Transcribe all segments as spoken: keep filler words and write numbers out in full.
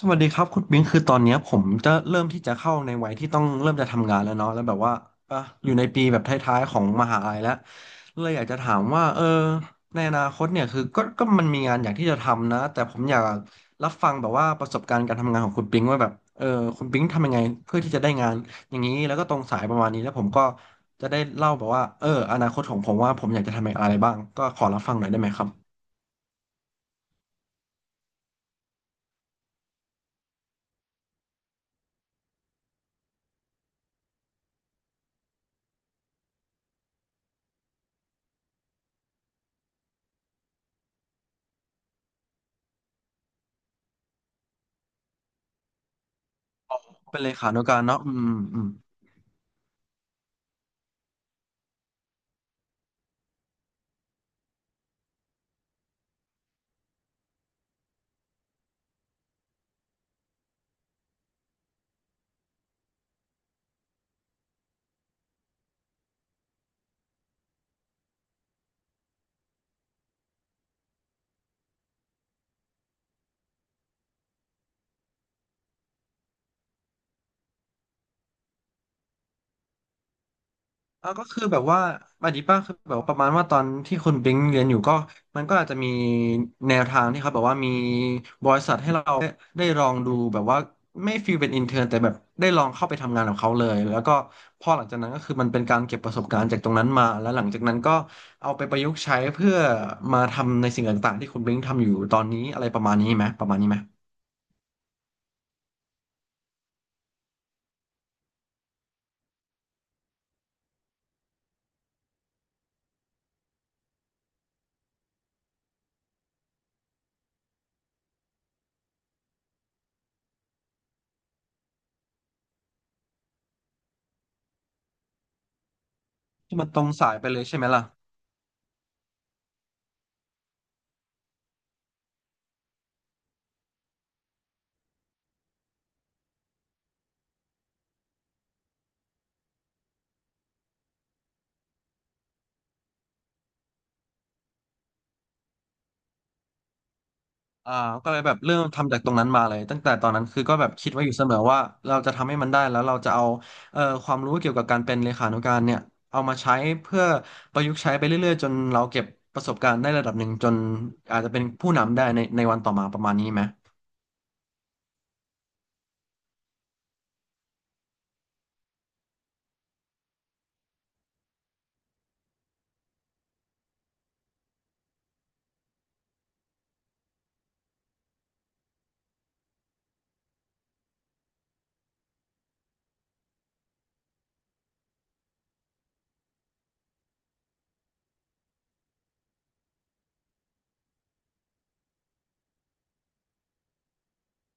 สวัสดีครับคุณบิงคือตอนเนี้ยผมจะเริ่มที่จะเข้าในวัยที่ต้องเริ่มจะทำงานแล้วเนาะแล้วแบบว่าอ่ะอยู่ในปีแบบท้ายๆของมหาลัยแล้วเลยอยากจะถามว่าเออในอนาคตเนี่ยคือก็ก็มันมีงานอยากที่จะทำนะแต่ผมอยากรับฟังแบบว่าประสบการณ์การทำงานของคุณปิงว่าแบบเออคุณปิงทำยังไงเพื่อที่จะได้งานอย่างนี้แล้วก็ตรงสายประมาณนี้แล้วผมก็จะได้เล่าแบบว่าเอออนาคตของผมว่าผมอยากจะทำอะไรบ้างก็ขอรับฟังหน่อยได้ไหมครับเป็นเลขานุการเนาะอืมอืม อ่าก็คือแบบว่าอันนี้ป้าคือแบบว่าประมาณว่าตอนที่คุณบิงเรียนอยู่ก็มันก็อาจจะมีแนวทางที่เขาแบบว่ามีบริษัทให้เราได้ได้ลองดูแบบว่าไม่ฟีลเป็นอินเท n ร์แต่แบบได้ลองเข้าไปทำงานกับเขาเลยแล้วก็พอหลังจากนั้นก็คือมันเป็นการเก็บประสบการณ์จากตรงนั้นมาแล้วหลังจากนั้นก็เอาไปประยุกต์ใช้เพื่อมาทำในสิ่งต่างๆที่คุณบิงทำอยู่ตอนนี้อะไรประมาณนี้ไหมประมาณนี้ไหมที่มันตรงสายไปเลยใช่ไหมล่ะ อ่าก็เลยแบบเริ่มทำจากตรงนั้นมาเลยตั้งแต่ตอนนั้นคือก็แบบคิดไว้อยู่เสมอว่าเราจะทำให้มันได้แล้วเราจะเอาเอ่อความรู้เกี่ยวกับการเป็นเลขานุการเนี่ยเอามาใช้เพื่อประยุกต์ใช้ไปเรื่อยๆจนเราเก็บประสบการณ์ได้ระดับหนึ่งจนอาจจะเป็นผู้นำได้ในในวันต่อมาประมาณนี้ไหม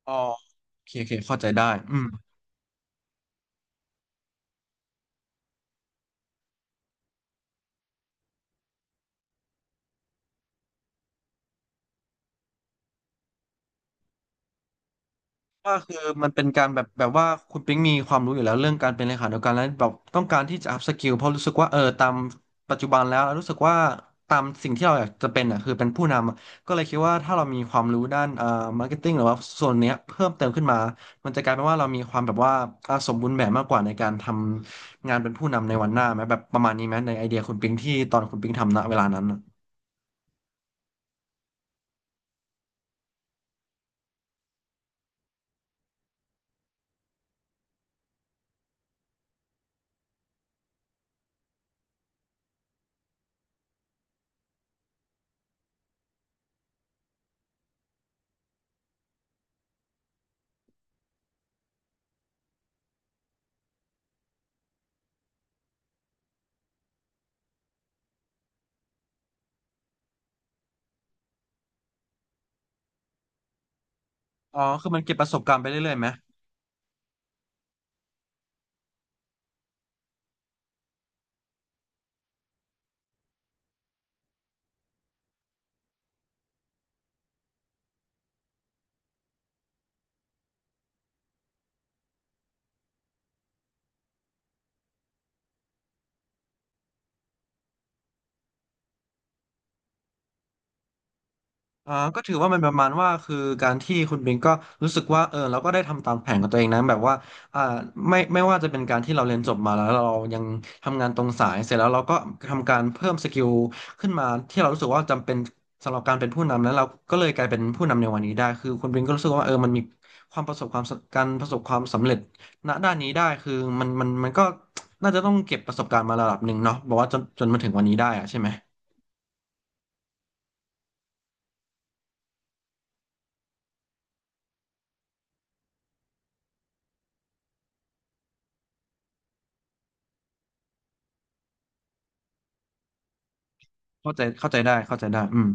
อ๋อโอเคโอเคเข้าใจได้อืม ว่าคือมันเป็นการแบบแบบว่าคุณปิ๊งมีความรู้อยู่แล้วเรื่องการเป็นเลขานุการแล้วแบบต้องการที่จะ up skill เพราะรู้สึกว่าเออตามปัจจุบันแล้วรู้สึกว่าตามสิ่งที่เราอยากจะเป็นอ่ะคือเป็นผู้นำอะก็เลยคิดว่าถ้าเรามีความรู้ด้านเอ่อ marketing หรือว่าส่วนเนี้ยเพิ่มเติมขึ้นมามันจะกลายเป็นว่าเรามีความแบบว่าอ่าสมบูรณ์แบบมากกว่าในการทำงานเป็นผู้นำในวันหน้าไหมแบบประมาณนี้ไหมในไอเดียคุณปิ๊งที่ตอนคุณปิ๊งทำณเวลานั้นอะอ๋อคือมันเก็บประสบการณ์ไปเรื่อยๆไหม อ่าก็ถือว่ามันประมาณว่าคือการที่คุณบิงก็รู้สึกว่าเออเราก็ได้ทำตามแผนของตัวเองนะแบบว่าอ่าไม่ไม่ว่าจะเป็นการที่เราเรียนจบมาแล้วเรายังทำงานตรงสายเสร็จแล้วเราก็ทำการเพิ่มสกิลขึ้นมาที่เรารู้สึกว่าจำเป็นสำหรับการเป็นผู้นำแล้วเราก็เลยกลายเป็นผู้นำในวันนี้ได้คือคุณบิงก็รู้สึกว่าเออมันมีความประสบความสการประสบความสำเร็จณด้านนี้ได้คือมันมันมันก็น่าจะต้องเก็บประสบการณ์มาระดับหนึ่งเนาะบอกว่าจนจนมาถึงวันนี้ได้อะใช่ไหมเข้าใจเข้าใจได้เข้าใจได้อืม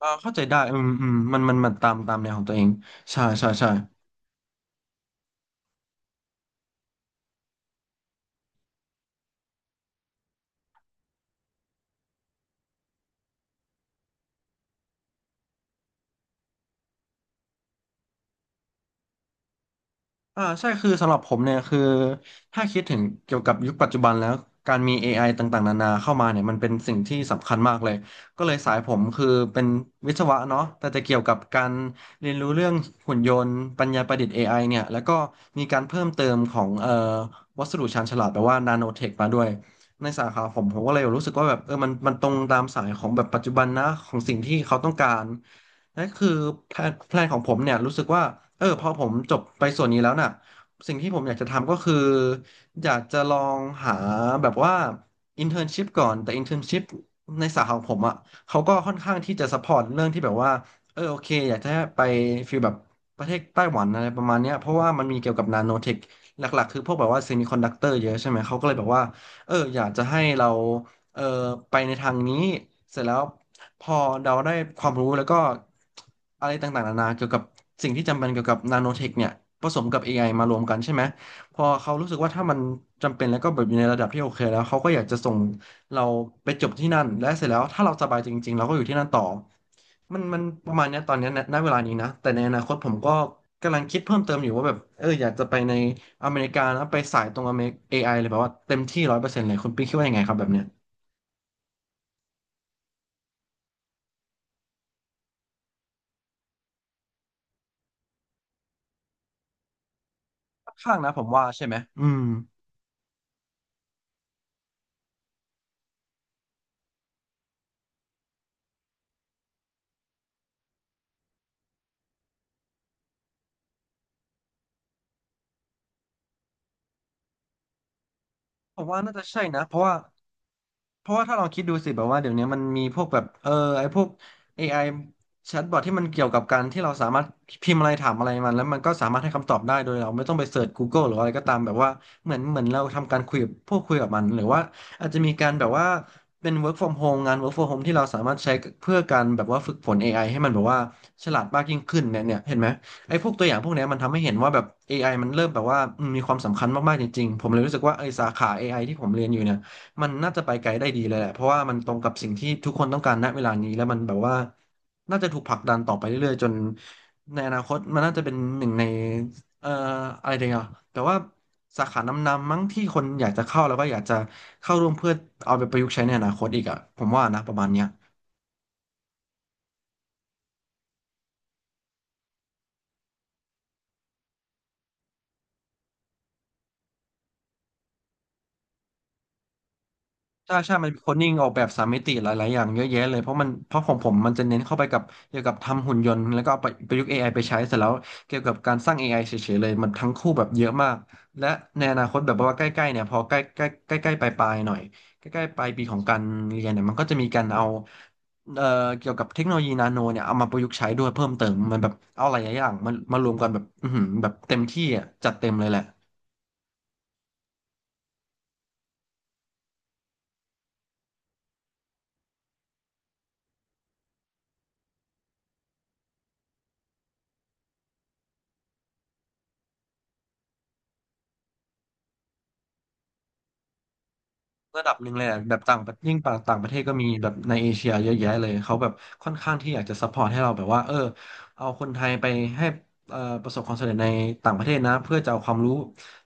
อ่าเข้าใจได้อืมอืมมันมันมันตามตามแนวของตัวเองใช่ใช่ใช่อ่าใช่คือสำหรับผมเนี่ยคือถ้าคิดถึงเกี่ยวกับยุคปัจจุบันแล้วการมี เอ ไอ ต่างๆนานาเข้ามาเนี่ยมันเป็นสิ่งที่สำคัญมากเลยก็เลยสายผมคือเป็นวิศวะเนาะแต่จะเกี่ยวกับการเรียนรู้เรื่องหุ่นยนต์ปัญญาประดิษฐ์ เอ ไอ เนี่ยแล้วก็มีการเพิ่มเติมของเอ่อวัสดุชาญฉลาดแปลว่านาโนเทคมาด้วยในสาขาผมผมก็เลยรู้สึกว่าแบบเออมันมันตรงตามสายของแบบปัจจุบันนะของสิ่งที่เขาต้องการ นั่นคือแพลนแพลนของผมเนี่ยรู้สึกว่าเออพอผมจบไปส่วนนี้แล้วน่ะสิ่งที่ผมอยากจะทำก็คืออยากจะลองหาแบบว่าอินเท n ร์นชิพก่อนแต่อินเท n ร์นชิพในสาขาของผมอ่ะเขาก็ค่อนข้างที่จะซัพพอร์ตเรื่องที่แบบว่าเออโอเคอยากจะให้ไปฟีลแบบประเทศไต้หวันอะไรประมาณเนี้ยเพราะว่ามันมีเกี่ยวกับนาโนเทคหลักๆคือพวกแบบว่าเซมิคอนดักเตอร์เยอะใช่ไหมเขาก็เลยแบบว่าเอออยากจะให้เรา เออไปในทางนี้เสร็จแล้วพอเราได้ความรู้แล้วก็อะไรต่างๆนานาเกี่ยวกับสิ่งที่จำเป็นเกี่ยวกับนาโนเทคเนี่ยผสมกับ เอ ไอ มารวมกันใช่ไหมพอเขารู้สึกว่าถ้ามันจำเป็นแล้วก็แบบอยู่ในระดับที่โอเคแล้วเขาก็อยากจะส่งเราไปจบที่นั่นและเสร็จแล้วถ้าเราสบายจริงๆเราก็อยู่ที่นั่นต่อมันมันประมาณเนี้ยตอนเนี้ยณณเวลานี้นะแต่ในอนาคตผมก็กำลังคิดเพิ่มเติมอยู่ว่าแบบเอออยากจะไปในอเมริกานะไปสายตรงอเมริกเอไอเลยแบบว่าเต็มที่ร้อยเปอร์เซ็นต์เลยคุณปิ๊กคิดว่ายังไงครับแบบเนี้ย ค่อนข้างนะผมว่าใช่ไหมอืมผมว่าน่าจะใช่นะเพราะว่า เพราะว่าถ้าเราคิดดูสิแบบว่าเดี๋ยวนี้มันมีพวกแบบเออไอพวก เอ ไอ แชทบอทที่มันเกี่ยวกับการที่เราสามารถพิมพ์อะไรถามอะไรมันแล้วมันก็สามารถให้คำตอบได้โดยเราไม่ต้องไปเสิร์ช Google หรืออะไรก็ตามแบบว่าเหมือนเหมือนเราทำการคุยกับพวกคุยกับมันหรือว่าอาจจะมีการแบบว่าเป็น work from home งาน work from home ที่เราสามารถใช้เพื่อการแบบว่าฝึกฝน เอ ไอ ให้มันแบบว่าฉลาดมากยิ่งขึ้นเนี่ยเนี่ยเห็นไหมไอ้พวกตัวอย่างพวกเนี้ยมันทำให้เห็นว่าแบบเอไอมันเริ่มแบบว่าอืมมีความสำคัญมากๆจริงๆผมเลยรู้สึกว่าไอ้สาขาเอไอที่ผมเรียนอยู่เนี่ย มันน่าจะไปไกลได้ดีเลยแหละเพราะว่ามันตรงกับสิ่งที่ทุกคนต้องการณเวลานี้แล้วมันแบบว่าน่าจะถูกผลักดันต่อไปเรื่อยๆจนในอนาคตมันน่าจะเป็นหนึ่งในเอ่ออะไรเดียวแต่ว่าสาขานำๆมั้งที่คนอยากจะเข้าแล้วก็อยากจะเข้าร่วมเพื่อเอาไปประยุกต์ใช้ในอนาคตอีกอ่ะผมว่านะประมาณเนี้ย ใช่ใช่มันมีโคดดิ้งออกแบบสามมิติหลายๆอย่างเยอะแยะเลย เพราะมันเพราะของผมมันจะเน้นเข้าไปกับเกี่ยวกับทำหุ่นยนต์แล้วก็เอาไปประยุกต์ เอ ไอ ไอไปใช้เสร็จแล้วเกี่ยวกับการสร้าง เอ ไอ เฉยๆเลยมันทั้งคู่แบบเยอะมาก และในอนาคตแบบว่าใกล้ๆเนี่ยพอใกล้ใกล้ใกล้ใกล้ปลายๆหน่อยใกล้ๆปลายปีของการเรียนเนี่ยมันก็จะมีการเอาเอ่อเกี่ยวกับเทคโนโลยีนาโนเนี่ยเอามาประยุกต์ใช้ด้วยเพิ่มเติมมันแบบเอาหลายๆอย่างมันมารวมกันแบบอือหือแบบเต็มที่อ่ะจัดเต็มเลยแหละ ระดับหนึ่งเลยอะแบบต่างประยิ่งต่างประเทศก็มีแบบในเอเชียเยอะแยะเลยเขาแบบค่อนข้างที่อยากจะซัพพอร์ตให้เราแบบว่าเออเอาคนไทยไปให้เอ่อประสบความสำเร็จในต่างประเทศนะเพื่อจะเอาความรู้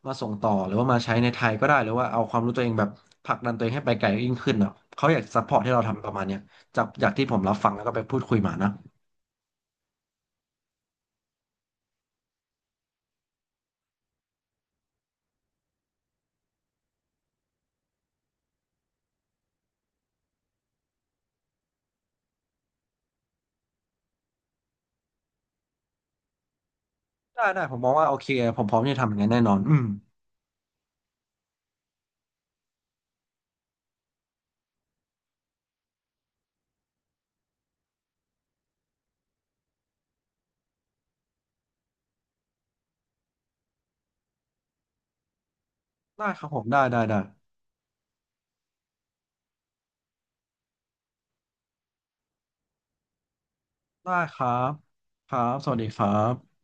มาส่งต่อหรือว่ามาใช้ในไทยก็ได้หรือว่าเอาความรู้ตัวเองแบบผลักดันตัวเองให้ไปไกลยิ่งขึ้นอ่ะเขาอยากซัพพอร์ตให้เราทำประมาณเนี้ยจากจากที่ผมรับฟังแล้วก็ไปพูดคุยมานะได้ได้ผมมองว่าโอเคผมพร้อมที่จะทำอย่างนั้นแน่นอนอืมได้ครับผมได้ได้ได้ได้ครับครับสวัสดีครับ